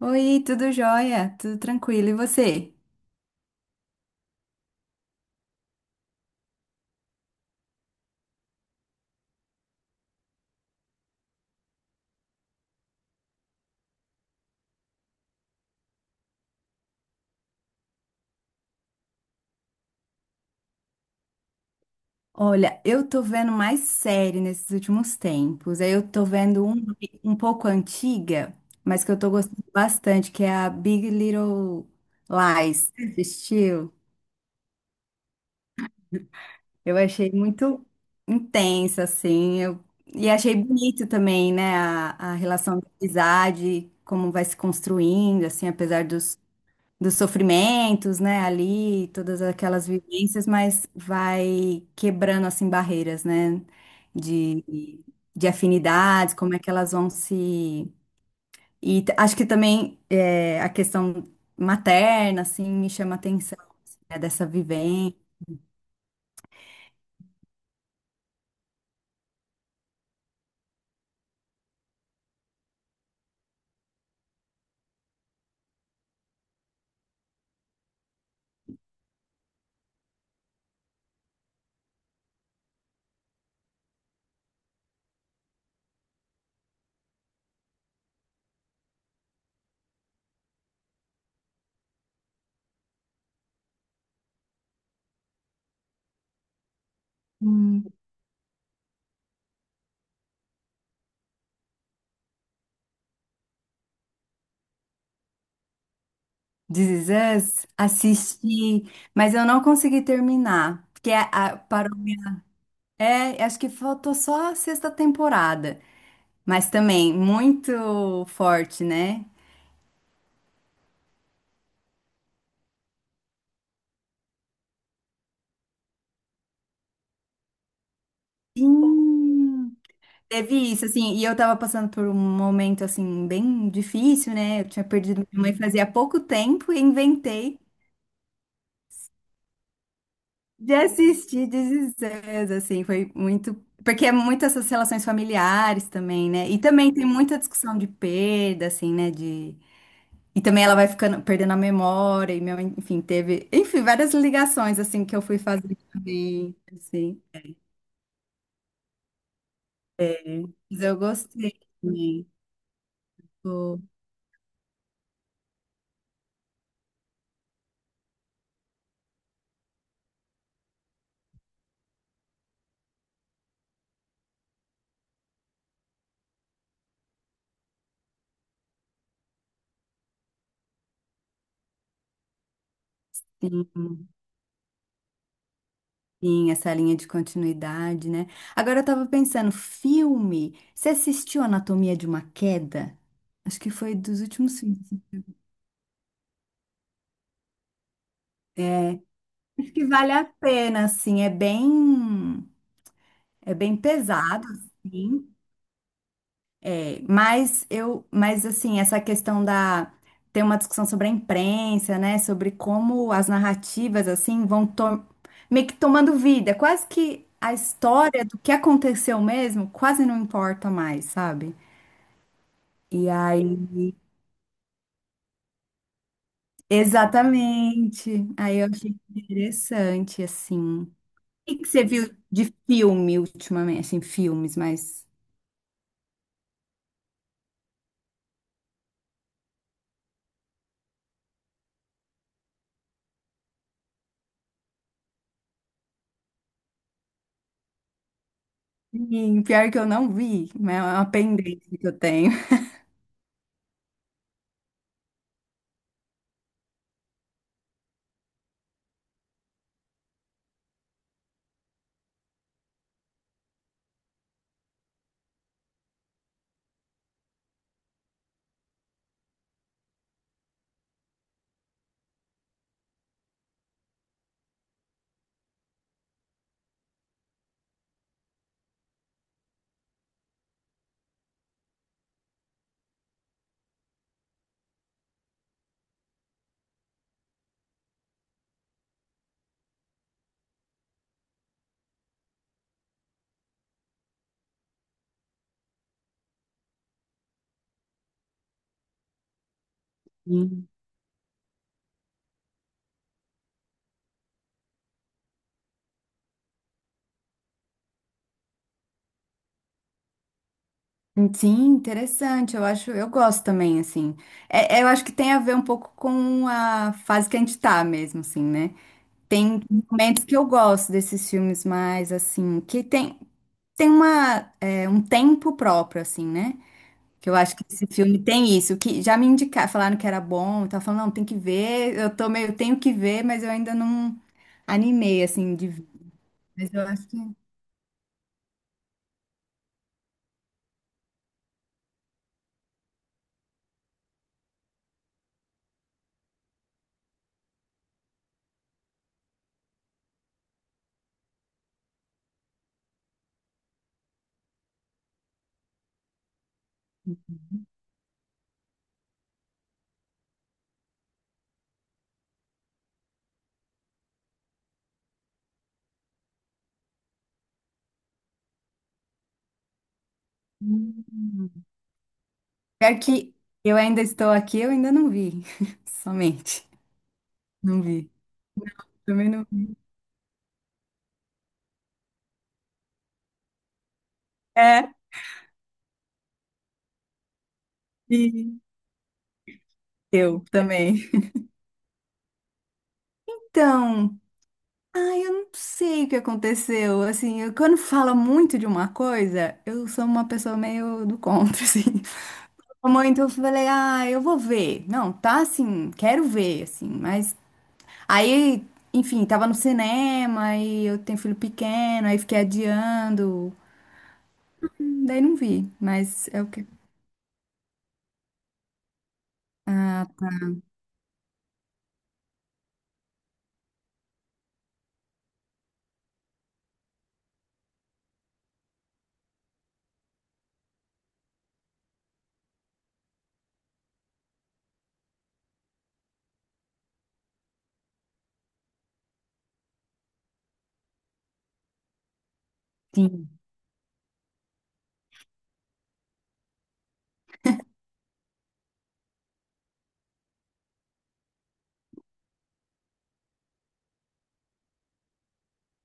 Oi, tudo jóia? Tudo tranquilo, e você? Olha, eu tô vendo mais série nesses últimos tempos. Aí eu tô vendo uma um pouco antiga, mas que eu tô gostando bastante, que é a Big Little Lies. Você assistiu? Eu achei muito intensa, assim. Eu... E achei bonito também, né? A relação de amizade, como vai se construindo, assim, apesar dos sofrimentos, né, ali, todas aquelas vivências, mas vai quebrando, assim, barreiras, né, de, de afinidades, como é que elas vão se... E acho que também é, a questão materna, assim, me chama a atenção, assim, né, dessa vivência. Hum. This Is Us, assisti, mas eu não consegui terminar, porque parou... É, acho que faltou só a sexta temporada. Mas também muito forte, né? Sim. Teve isso, assim, e eu tava passando por um momento, assim, bem difícil, né? Eu tinha perdido minha mãe fazia pouco tempo e inventei de assistir This Is Us, assim, foi muito... Porque é muito essas relações familiares também, né? E também tem muita discussão de perda, assim, né? De... E também ela vai ficando, perdendo a memória, e minha mãe, enfim, teve... Enfim, várias ligações, assim, que eu fui fazer também, assim. É. Mas eu gostei também. Pô, sim, sim, essa linha de continuidade, né? Agora eu tava pensando, filme. Você assistiu Anatomia de uma Queda? Acho que foi dos últimos filmes. É, acho que vale a pena, assim, é bem pesado, assim. É, mas eu, mas assim, essa questão da tem uma discussão sobre a imprensa, né, sobre como as narrativas assim vão meio que tomando vida. É quase que a história do que aconteceu mesmo quase não importa mais, sabe? E aí, exatamente. Aí eu achei interessante assim. O que que você viu de filme ultimamente, assim, filmes, mas sim, pior que eu não vi, mas é uma pendência que eu tenho. Sim, interessante. Eu acho, eu gosto também, assim. É, é, eu acho que tem a ver um pouco com a fase que a gente tá mesmo, assim, né? Tem momentos que eu gosto desses filmes mais, assim, que tem, tem uma, é, um tempo próprio, assim, né? Que eu acho que esse filme tem isso, que já me indicaram, falaram que era bom, eu falando, não, tem que ver, eu tô meio, tenho que ver, mas eu ainda não animei, assim, de ver. Mas eu acho que... Hum. Pior que eu ainda estou aqui, eu ainda não vi, somente. Não vi. Também não. É, e eu também. Então, ai, eu não sei o que aconteceu. Assim, quando fala muito de uma coisa, eu sou uma pessoa meio do contra, assim. Muito, eu falei, ah, eu vou ver. Não, tá assim, quero ver, assim, mas. Aí, enfim, tava no cinema e eu tenho filho pequeno, aí fiquei adiando. Daí não vi, mas é o que. Ah, sim.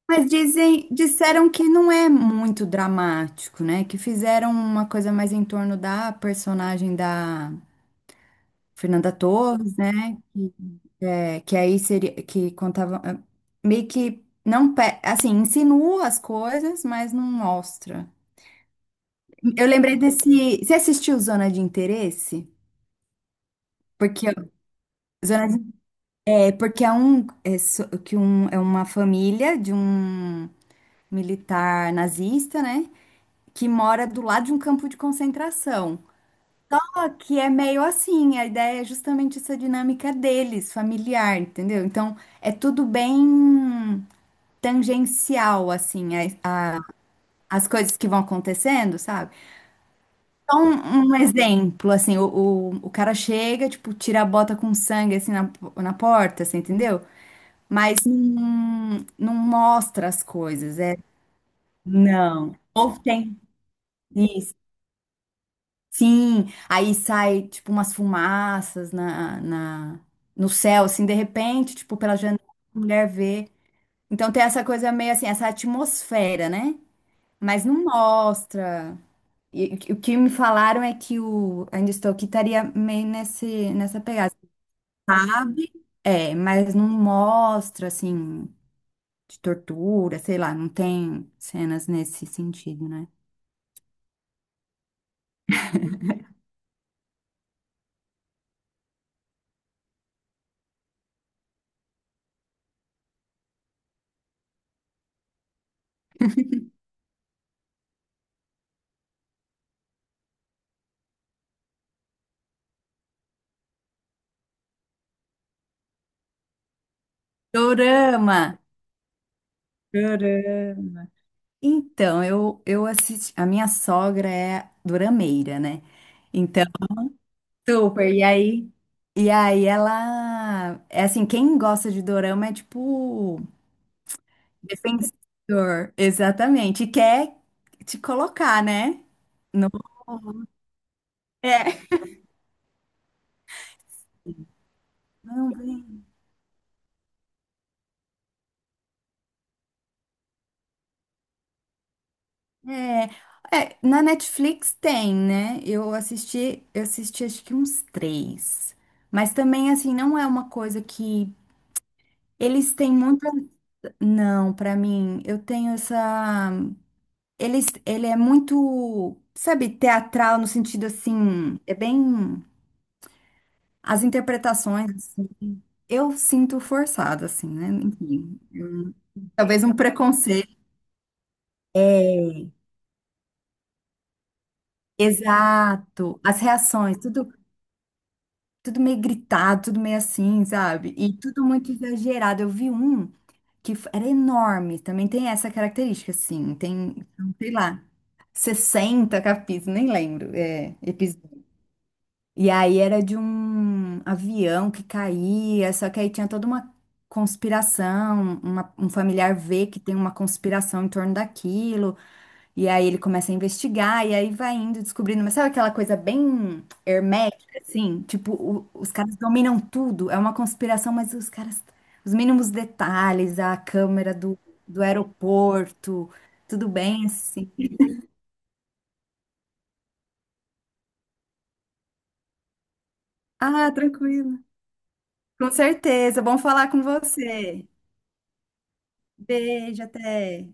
Mas dizem, disseram que não é muito dramático, né? Que fizeram uma coisa mais em torno da personagem da Fernanda Torres, né? Que, é, que aí seria que contava eh, meio que não pe- assim, insinua as coisas, mas não mostra. Eu lembrei desse. Você assistiu Zona de Interesse? Porque Zona de- é porque é um é, so- que um é uma família de um militar nazista, né? Que mora do lado de um campo de concentração. Só que é meio assim, a ideia é justamente essa dinâmica deles, familiar, entendeu? Então é tudo bem tangencial, assim, a- a- as coisas que vão acontecendo, sabe? Então, um exemplo, assim, o cara chega, tipo, tira a bota com sangue, assim, na porta, assim, entendeu? Mas não mostra as coisas, é... Não. Ou tem... isso. Sim, aí sai tipo umas fumaças na no céu, assim, de repente, tipo, pela janela, a mulher vê. Então tem essa coisa meio assim, essa atmosfera, né? Mas não mostra. E, o que me falaram é que o Ainda Estou Aqui estaria meio nessa pegada. Sabe? É, mas não mostra, assim, de tortura, sei lá, não tem cenas nesse sentido, né? Dorama! Dorama! Então, eu assisti. A minha sogra é durameira, né? Então, super. E aí ela. É assim, quem gosta de dorama é tipo. Defensor. Exatamente. E quer te colocar, né? No- É. Não, bem, é. É, na Netflix tem, né? Eu assisti acho que uns três. Mas também, assim, não é uma coisa que. Eles têm muita não, pra mim, eu tenho essa. Ele, ele é muito, sabe, teatral no sentido assim, é bem. As interpretações, assim, eu sinto forçada, assim, né? Enfim, talvez um preconceito. É, exato, as reações, tudo, tudo meio gritado, tudo meio assim, sabe? E tudo muito exagerado. Eu vi um era enorme, também tem essa característica, assim, tem, sei lá, 60 capítulos, nem lembro, é, e aí era de um avião que caía, só que aí tinha toda uma conspiração, um familiar vê que tem uma conspiração em torno daquilo, e aí ele começa a investigar, e aí vai indo descobrindo, mas sabe aquela coisa bem hermética, assim? Tipo, os caras dominam tudo, é uma conspiração, mas os caras, os mínimos detalhes, a câmera do, do aeroporto, tudo bem assim. Ah, tranquilo. Com certeza, bom falar com você. Beijo, até.